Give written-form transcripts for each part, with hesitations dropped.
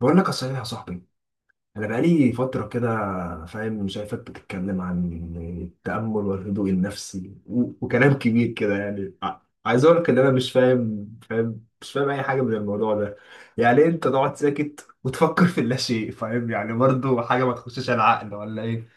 بقول لك صحيح يا صاحبي، انا بقالي فتره كده فاهم. شايفك بتتكلم عن التامل والهدوء النفسي و- وكلام كبير كده، يعني عايز اقول لك ان انا مش فاهم مش فاهم اي حاجه من الموضوع ده. يعني إيه انت تقعد ساكت وتفكر في اللاشيء؟ فاهم؟ يعني برضه حاجه ما تخشش العقل ولا ايه؟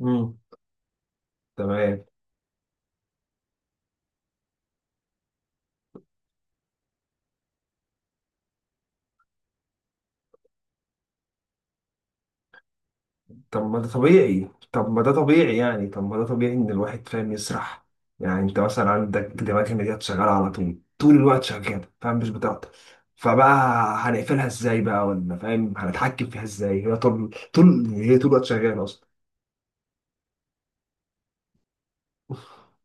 امم. تمام. طب ما ده طبيعي طب ما ده طبيعي يعني طب ما ده طبيعي ان الواحد فاهم يسرح. يعني انت مثلا عندك دماغ المديات شغاله على طول، طول الوقت شغاله فاهم، مش بتعطل. فبقى هنقفلها ازاي بقى؟ ولا فاهم هنتحكم فيها ازاي؟ هي طول طول هي طول الوقت شغاله اصلا.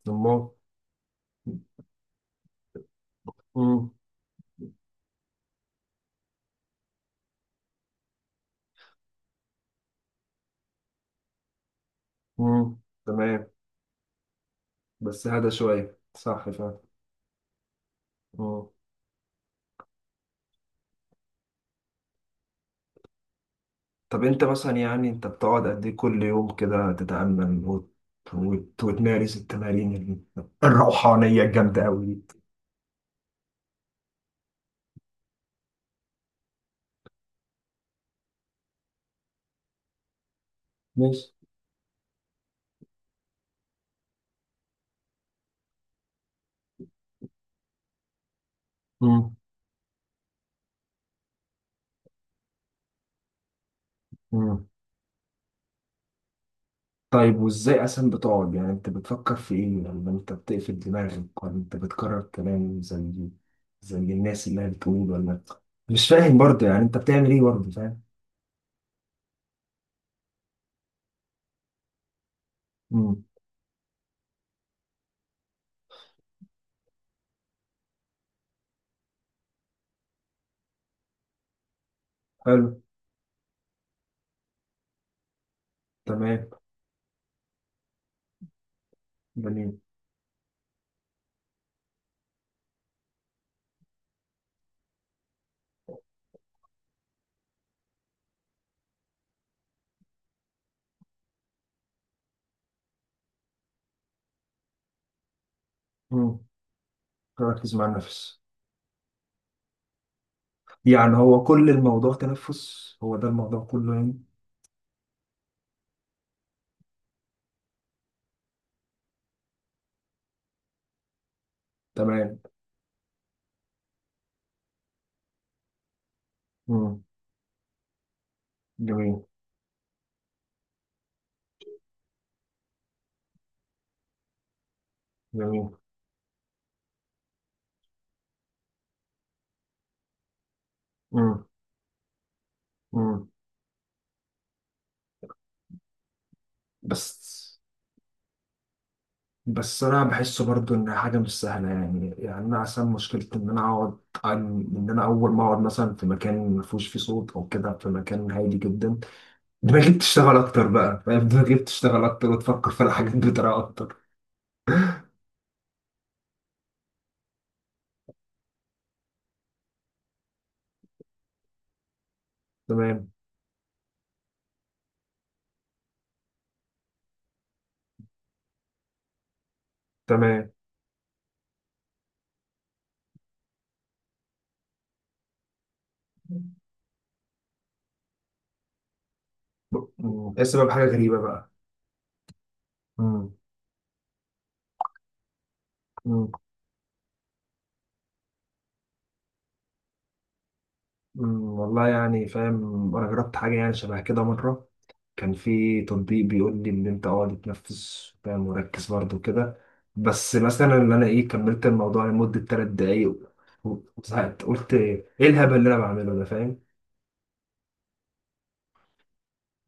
امال. امم. امم. تمام. بس هذا شويه صح فاهم. مم. طب انت مثلا يعني انت بتقعد قد ايه كل يوم كده تتامل وتمارس التمارين الروحانيه الجامده قوي دي؟ ماشي. مم. مم. طيب وازاي اصلا بتقعد؟ يعني انت بتفكر في ايه لما انت بتقفل دماغك؟ ولا انت بتكرر كلام زي الناس اللي هي بتقول، ولا مش فاهم برضه؟ يعني انت بتعمل ايه برضه فاهم؟ مم. حلو. تمام. جميل. مم. ركز مع النفس. يعني هو كل الموضوع تنفس، هو ده الموضوع كله يعني؟ تمام. مم. جميل. جميل. مم. مم. بس بس انا بحسه برضو ان حاجه مش سهله يعني، يعني انا عشان مشكلتي ان انا اقعد ان انا اول ما اقعد مثلا في مكان ما فيهوش فيه صوت او كده، في مكان هادي جدا، دماغي بتشتغل اكتر بقى فاهم؟ دماغي بتشتغل اكتر وتفكر في الحاجات بطريقه اكتر. تمام. تمام. تحس بقى بحاجه غريبه بقى. م- م- والله يعني فاهم انا جربت حاجه يعني شبه كده مره. كان في تطبيق بيقول لي ان انت اقعد تتنفس فاهم، مركز برضه كده. بس مثلا ان انا ايه، كملت الموضوع لمده 3 دقايق وزهقت. قلت ايه الهبل اللي انا بعمله ده فاهم.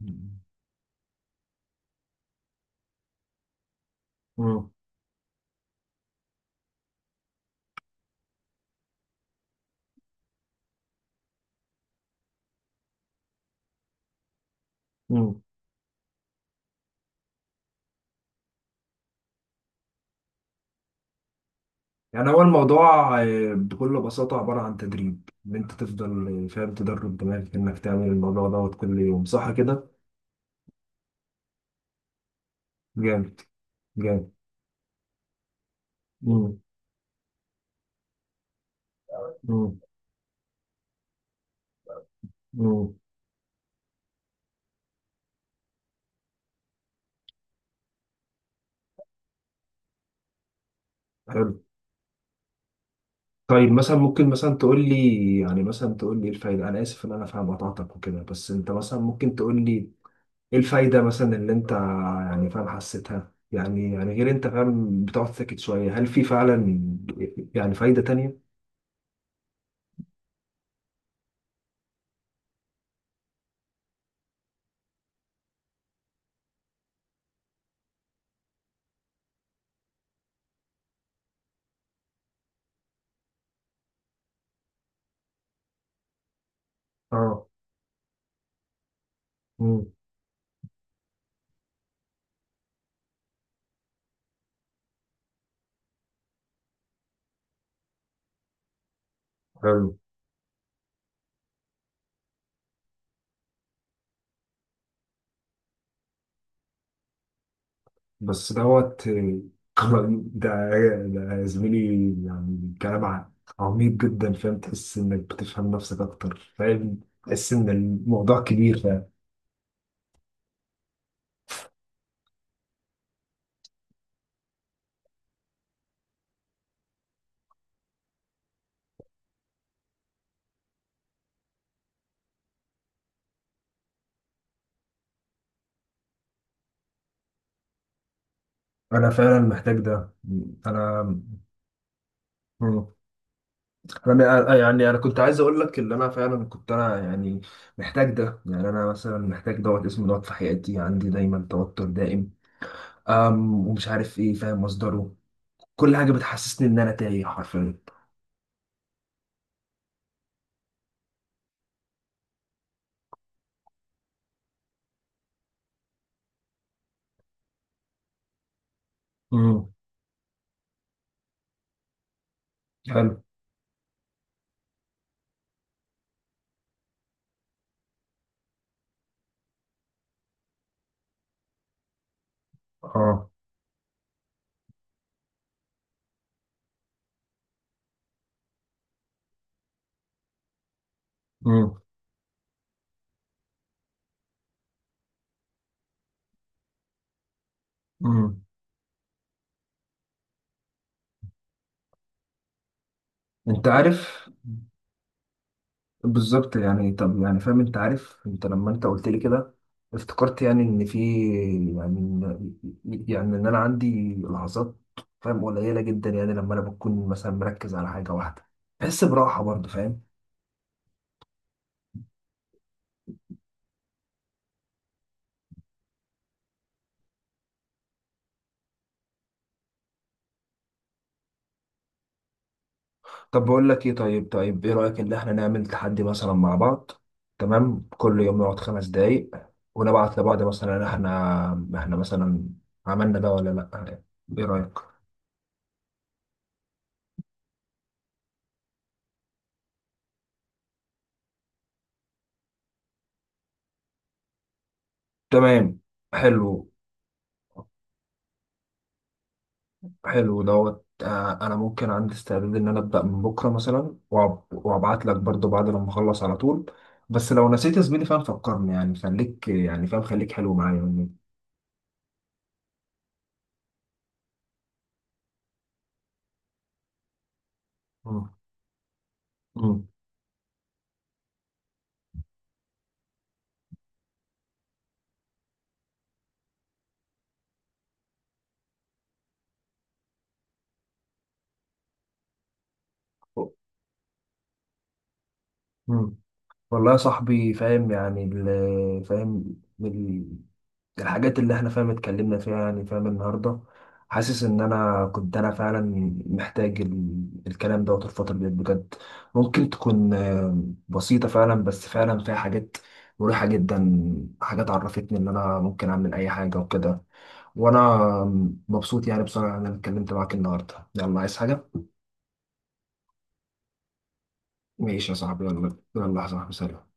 مم. مم. مم. يعني هو الموضوع بكل بساطة عبارة عن تدريب، إن أنت تفضل فاهم تدرب دماغك إنك تعمل الموضوع دوت كل يوم، صح كده؟ جامد. جامد. مم. مم. مم. حلو. طيب مثلا ممكن مثلا تقول لي، يعني مثلا تقول لي ايه الفايده؟ انا اسف ان انا فاهم قطعتك وكده، بس انت مثلا ممكن تقول لي ايه الفايده مثلا اللي انت يعني فاهم حسيتها، يعني يعني غير انت فاهم بتقعد ساكت شويه، هل في فعلا يعني فايده تانية؟ اه. امم. حلو. بس دوت كمان- ده ده يا زميلي، يعني كلام عميق جدا فاهم، تحس انك بتفهم نفسك اكتر فاهم، تحس ان الموضوع كبير فاهم. انا فعلا محتاج ده. انا. مم. يعني انا كنت عايز اقول لك ان انا فعلا كنت انا يعني محتاج ده يعني، انا مثلا محتاج دوت اسمه دوت في حياتي، عندي دايما توتر دائم ومش عارف ايه فاهم مصدره. كل حاجه بتحسسني ان انا تايه حرفيا. امم. حلو. اه. امم. امم. انت عارف بالظبط يعني، طب يعني فاهم انت عارف، انت لما انت قلت لي كده افتكرت يعني ان في، يعني يعني ان انا عندي لحظات فاهم قليله جدا، يعني لما انا بكون مثلا مركز على حاجه واحده بحس براحه برضه فاهم. طب بقول لك ايه؟ طيب، ايه رايك ان احنا نعمل تحدي مثلا مع بعض؟ تمام، كل يوم نقعد 5 دقايق ونبعت لبعض مثلا، احنا مثلا عملنا ده ولا لا؟ ايه رايك؟ تمام. حلو. حلو دوت انا ممكن عندي استعداد ان انا ابدا من بكره مثلا وابعت لك برضو بعد لما اخلص على طول. بس لو نسيت يا زميلي فاهم فكرني يعني، خليك يعني فاهم خليك حلو معايا يعني. مم. مم. مم. والله يا صاحبي فاهم يعني فاهم الحاجات اللي احنا فاهم اتكلمنا فيها يعني فاهم النهارده، حاسس ان انا كنت انا فعلا محتاج الكلام دوت الفتره دي بجد، ممكن تكون بسيطه فعلا، بس فعلا فيها حاجات مريحه جدا، حاجات عرفتني ان انا ممكن اعمل اي حاجه وكده. وانا مبسوط يعني بصراحه ان انا اتكلمت معاك النهارده. يلا عايز حاجه؟ ماشي يا صاحبي، يلا يلا يا صاحبي، سلام.